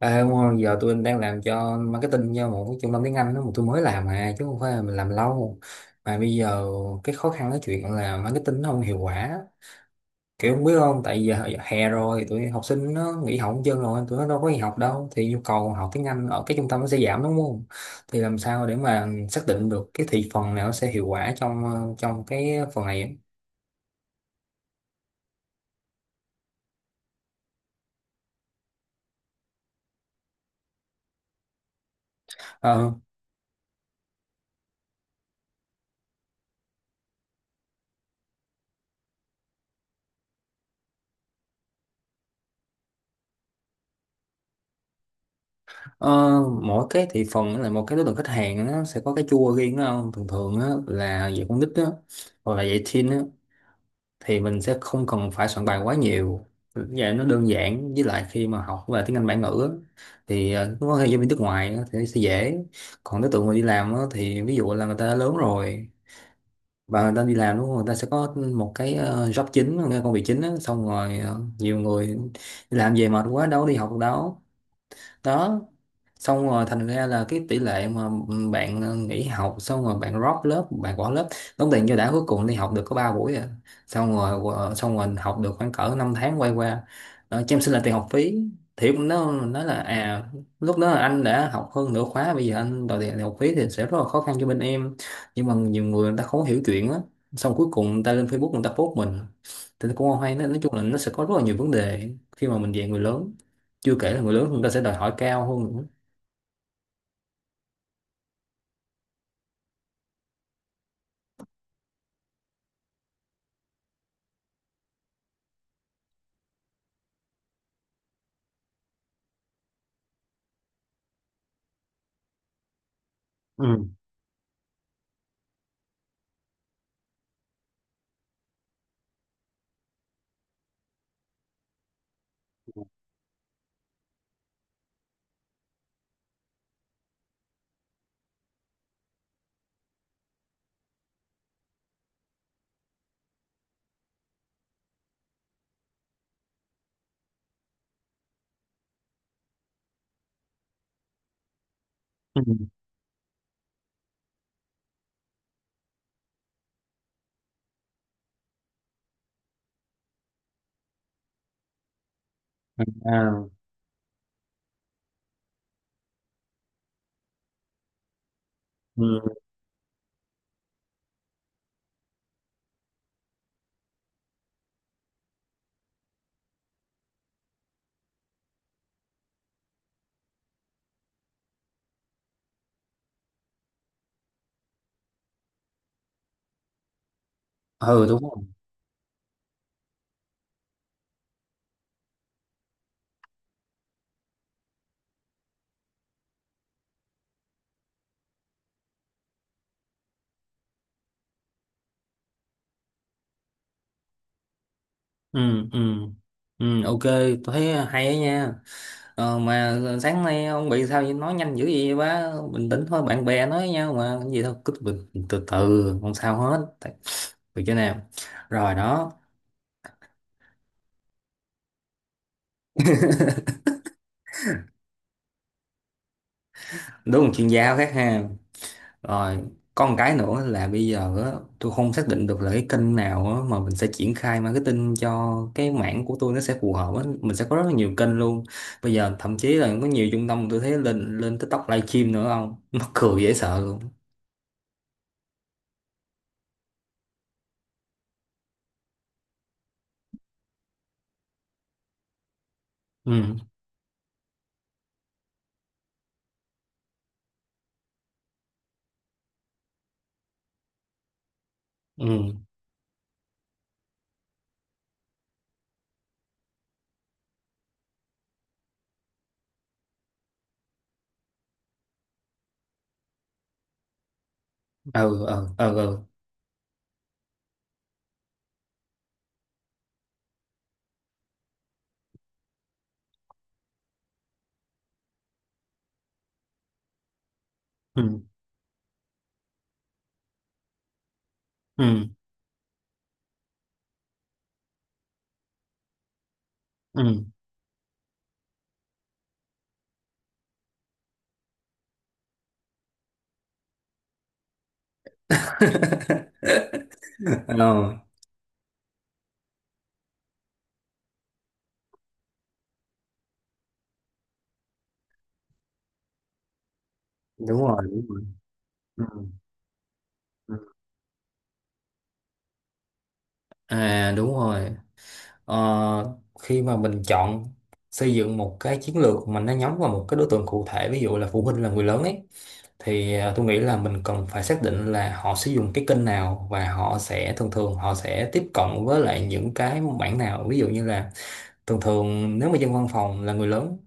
À, đúng rồi, giờ tôi đang làm cho marketing cho một cái trung tâm tiếng Anh đó mà tôi mới làm mà chứ không phải là mình làm lâu mà bây giờ cái khó khăn cái chuyện là marketing nó không hiệu quả, kiểu không biết không, tại giờ hè rồi tụi học sinh nó nghỉ học hết trơn rồi, tụi nó đâu có đi học đâu, thì nhu cầu học tiếng Anh ở cái trung tâm nó sẽ giảm đúng không? Thì làm sao để mà xác định được cái thị phần nào nó sẽ hiệu quả trong cái phần này? Ờ, Mỗi cái thị phần là một cái đối tượng khách hàng nó sẽ có cái chua riêng đó không? Thường thường á, là dạy con nít á, hoặc là dạy teen á, thì mình sẽ không cần phải soạn bài quá nhiều. Dạ, nó đơn giản, với lại khi mà học về tiếng Anh bản ngữ á, thì nó có hay giáo viên nước ngoài á, thì nó sẽ dễ. Còn đối tượng mà đi làm á, thì ví dụ là người ta đã lớn rồi và người ta đi làm đúng không? Người ta sẽ có một cái job chính, một cái công việc chính á, xong rồi nhiều người đi làm về mệt quá đâu có đi học được đâu, đó, xong rồi thành ra là cái tỷ lệ mà bạn nghỉ học, xong rồi bạn drop lớp, bạn bỏ lớp, đóng tiền cho đã, cuối cùng đi học được có 3 buổi à, xong rồi xong rồi học được khoảng cỡ 5 tháng quay qua, đó, cho em xin là tiền học phí, thì nó nói là, à, lúc đó là anh đã học hơn nửa khóa, bây giờ anh đòi tiền học phí thì sẽ rất là khó khăn cho bên em. Nhưng mà nhiều người, người ta không hiểu chuyện á, xong cuối cùng người ta lên Facebook người ta post mình, thì nó cũng không hay. Nói chung là nó sẽ có rất là nhiều vấn đề khi mà mình dạy người lớn, chưa kể là người lớn chúng ta sẽ đòi hỏi cao hơn nữa. Ừ. Ừ. À. Ừ, ừ, đúng rồi. Ừ, ừ, ừ, ok, tôi thấy hay á nha. Mà sáng nay ông bị sao vậy, nói nhanh dữ vậy, quá bình tĩnh thôi, bạn bè nói với nhau mà, cái gì đâu, cứ bình, từ từ không sao hết. Từ chỗ nào rồi đó. Đúng là chuyên gia khác ha. Rồi, có một cái nữa là bây giờ á, tôi không xác định được là cái kênh nào á, mà mình sẽ triển khai marketing cho cái mảng của tôi nó sẽ phù hợp á. Mình sẽ có rất là nhiều kênh luôn. Bây giờ thậm chí là có nhiều trung tâm tôi thấy lên lên TikTok livestream nữa không? Mắc cười dễ sợ luôn. Ừ, ừ, ừ, ừ, ừ, ừ, ừ, ừ. Ừ. Ờ, đúng rồi, đúng rồi. Ừ. Ừ. À, đúng rồi. Ờ, khi mà mình chọn xây dựng một cái chiến lược mà nó nhắm vào một cái đối tượng cụ thể, ví dụ là phụ huynh là người lớn ấy, thì tôi nghĩ là mình cần phải xác định là họ sử dụng cái kênh nào, và họ sẽ thường thường họ sẽ tiếp cận với lại những cái mảng nào. Ví dụ như là, thường thường nếu mà dân văn phòng là người lớn,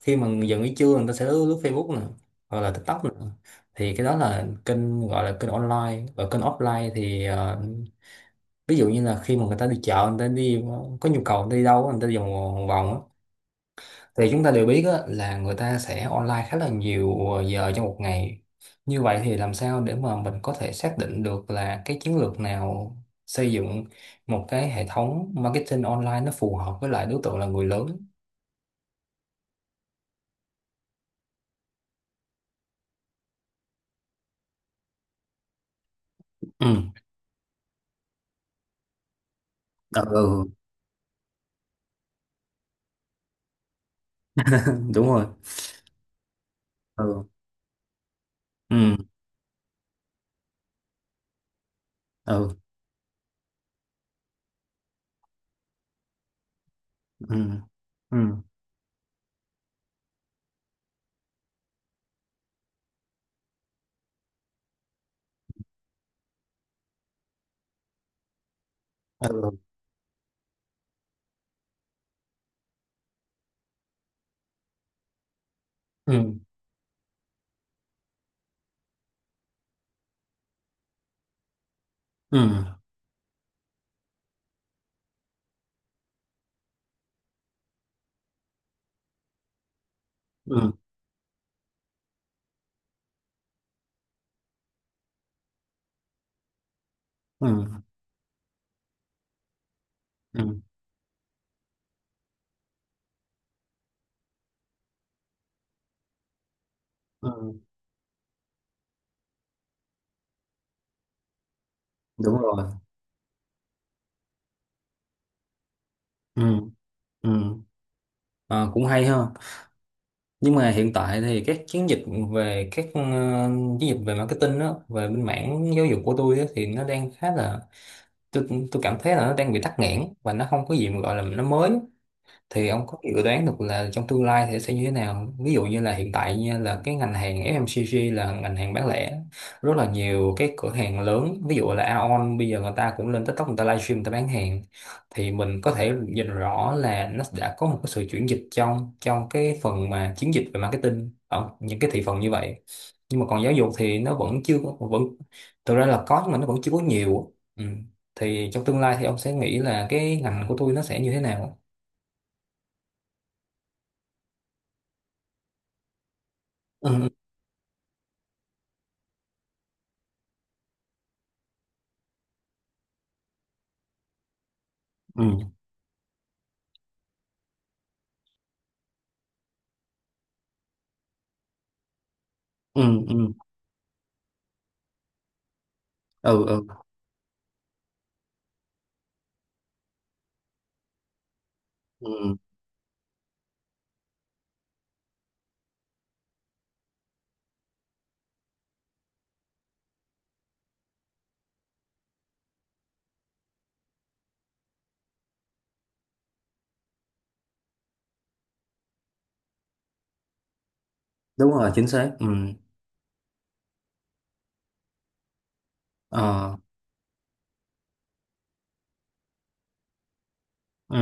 khi mà giận nghỉ trưa người ta sẽ lướt Facebook nè, hoặc là TikTok nè, thì cái đó là kênh, gọi là kênh online. Và kênh offline thì ví dụ như là khi mà người ta đi chợ, người ta đi có nhu cầu, người ta đi đâu người ta đi vòng vòng á, thì chúng ta đều biết á, là người ta sẽ online khá là nhiều giờ trong một ngày. Như vậy thì làm sao để mà mình có thể xác định được là cái chiến lược nào xây dựng một cái hệ thống marketing online nó phù hợp với lại đối tượng là người lớn? Ừ. Ừ. Ừ. Đúng rồi. Ừ. Ừ. Ừ. Ừ. Ừ. Ừ. Ừ. Ừ. Ừ. Ừ. Ừ. Ừ. Đúng rồi. Ừ. Ừ. Ờ, cũng hay ha. Nhưng mà hiện tại thì các chiến dịch về các chiến dịch về marketing đó, về bên mảng giáo dục của tôi á, thì nó đang khá là, tôi cảm thấy là nó đang bị tắc nghẽn và nó không có gì mà gọi là nó mới. Thì ông có dự đoán được là trong tương lai thì sẽ như thế nào không? Ví dụ như là hiện tại nha, là cái ngành hàng FMCG là ngành hàng bán lẻ, rất là nhiều cái cửa hàng lớn, ví dụ là Aeon bây giờ người ta cũng lên TikTok người ta livestream người ta bán hàng, thì mình có thể nhìn rõ là nó đã có một cái sự chuyển dịch trong trong cái phần mà chiến dịch về marketing ở những cái thị phần như vậy. Nhưng mà còn giáo dục thì nó vẫn chưa có- vẫn thực ra là có, nhưng mà nó vẫn chưa có nhiều. Ừ. Thì trong tương lai thì ông sẽ nghĩ là cái ngành của tôi nó sẽ như thế nào? Ừ. Ừ. Ừ. Ừ. Ừ. Ừ. Đúng rồi, chính xác. Ừ. Ờ. Ừ.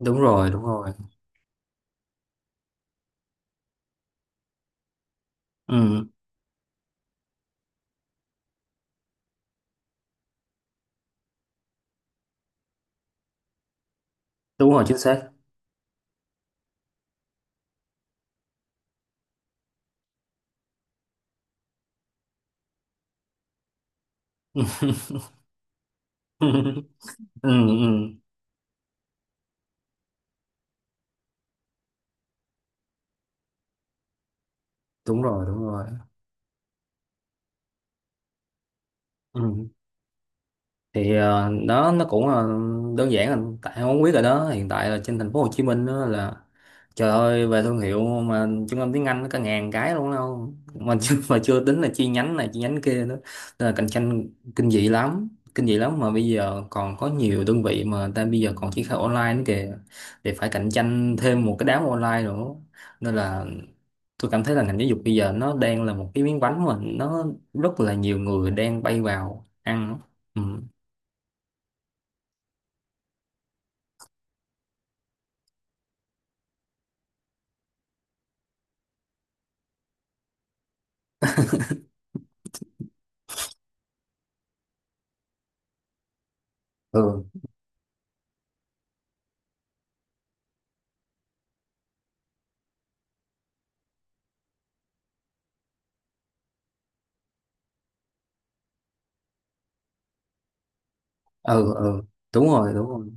Đúng rồi, đúng rồi. Ừ. Đúng rồi, chính xác. Ừ. Ừ. Đúng rồi, đúng rồi. Ừ. Thì đó nó cũng, đơn giản anh, tại em không biết rồi đó, hiện tại là trên thành phố Hồ Chí Minh đó là, trời ơi, về thương hiệu mà trung tâm tiếng Anh nó cả ngàn cái luôn, đâu mà chưa tính là chi nhánh này chi nhánh kia nữa, nên là cạnh tranh kinh dị lắm, kinh dị lắm. Mà bây giờ còn có nhiều đơn vị mà người ta bây giờ còn triển khai online nữa kìa, thì phải cạnh tranh thêm một cái đám online nữa. Nên là tôi cảm thấy là ngành giáo dục bây giờ nó đang là một cái miếng bánh mà nó rất là nhiều người đang bay vào ăn. Ừ. Ừ. Ừ. Ừ. Đúng rồi, đúng rồi.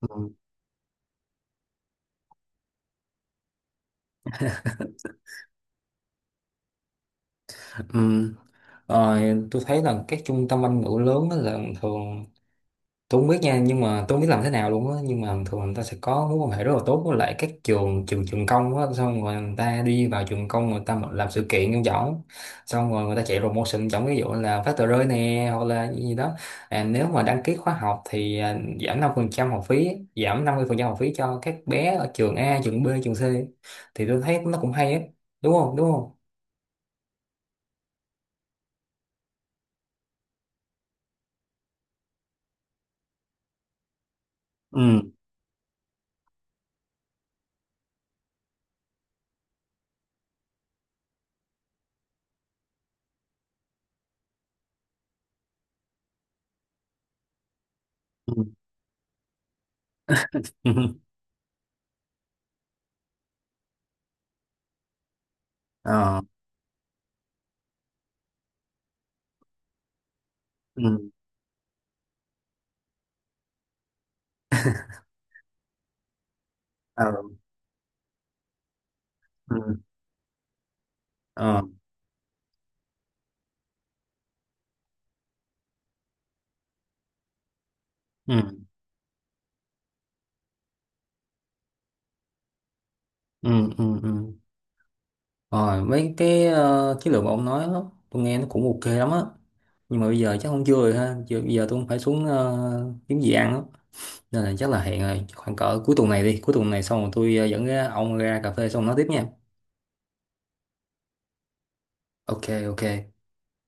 Ừ. Ừ. Ờ, tôi thấy là các trung tâm Anh ngữ lớn á, là thường, tôi không biết nha, nhưng mà tôi không biết làm thế nào luôn á, nhưng mà thường người ta sẽ có mối quan hệ rất là tốt với lại các trường trường trường công á, xong rồi người ta đi vào trường công người ta mà làm sự kiện trong võng, xong rồi người ta chạy promotion, trong ví dụ là phát tờ rơi nè, hoặc là gì gì đó, à, nếu mà đăng ký khóa học thì à, giảm 50% học phí, giảm 50% học phí cho các bé ở trường A, trường B, trường C, thì tôi thấy nó cũng hay á, đúng không, đúng không? Ừ. Ừ. Ừ. Ờ. Ừ. Ờ. Ừ. Ờ. Ừ. Ừ. Ừ. Ừ. Rồi mấy cái chiến lược mà ông nói đó, tôi nghe nó cũng ok lắm á, nhưng mà bây giờ chắc không, chưa rồi ha, bây giờ tôi cũng phải xuống kiếm gì ăn á, nên là chắc là hẹn rồi khoảng cỡ cuối tuần này đi, cuối tuần này xong rồi tôi dẫn ra ông ra cà phê xong nói tiếp nha. Ok. Ok.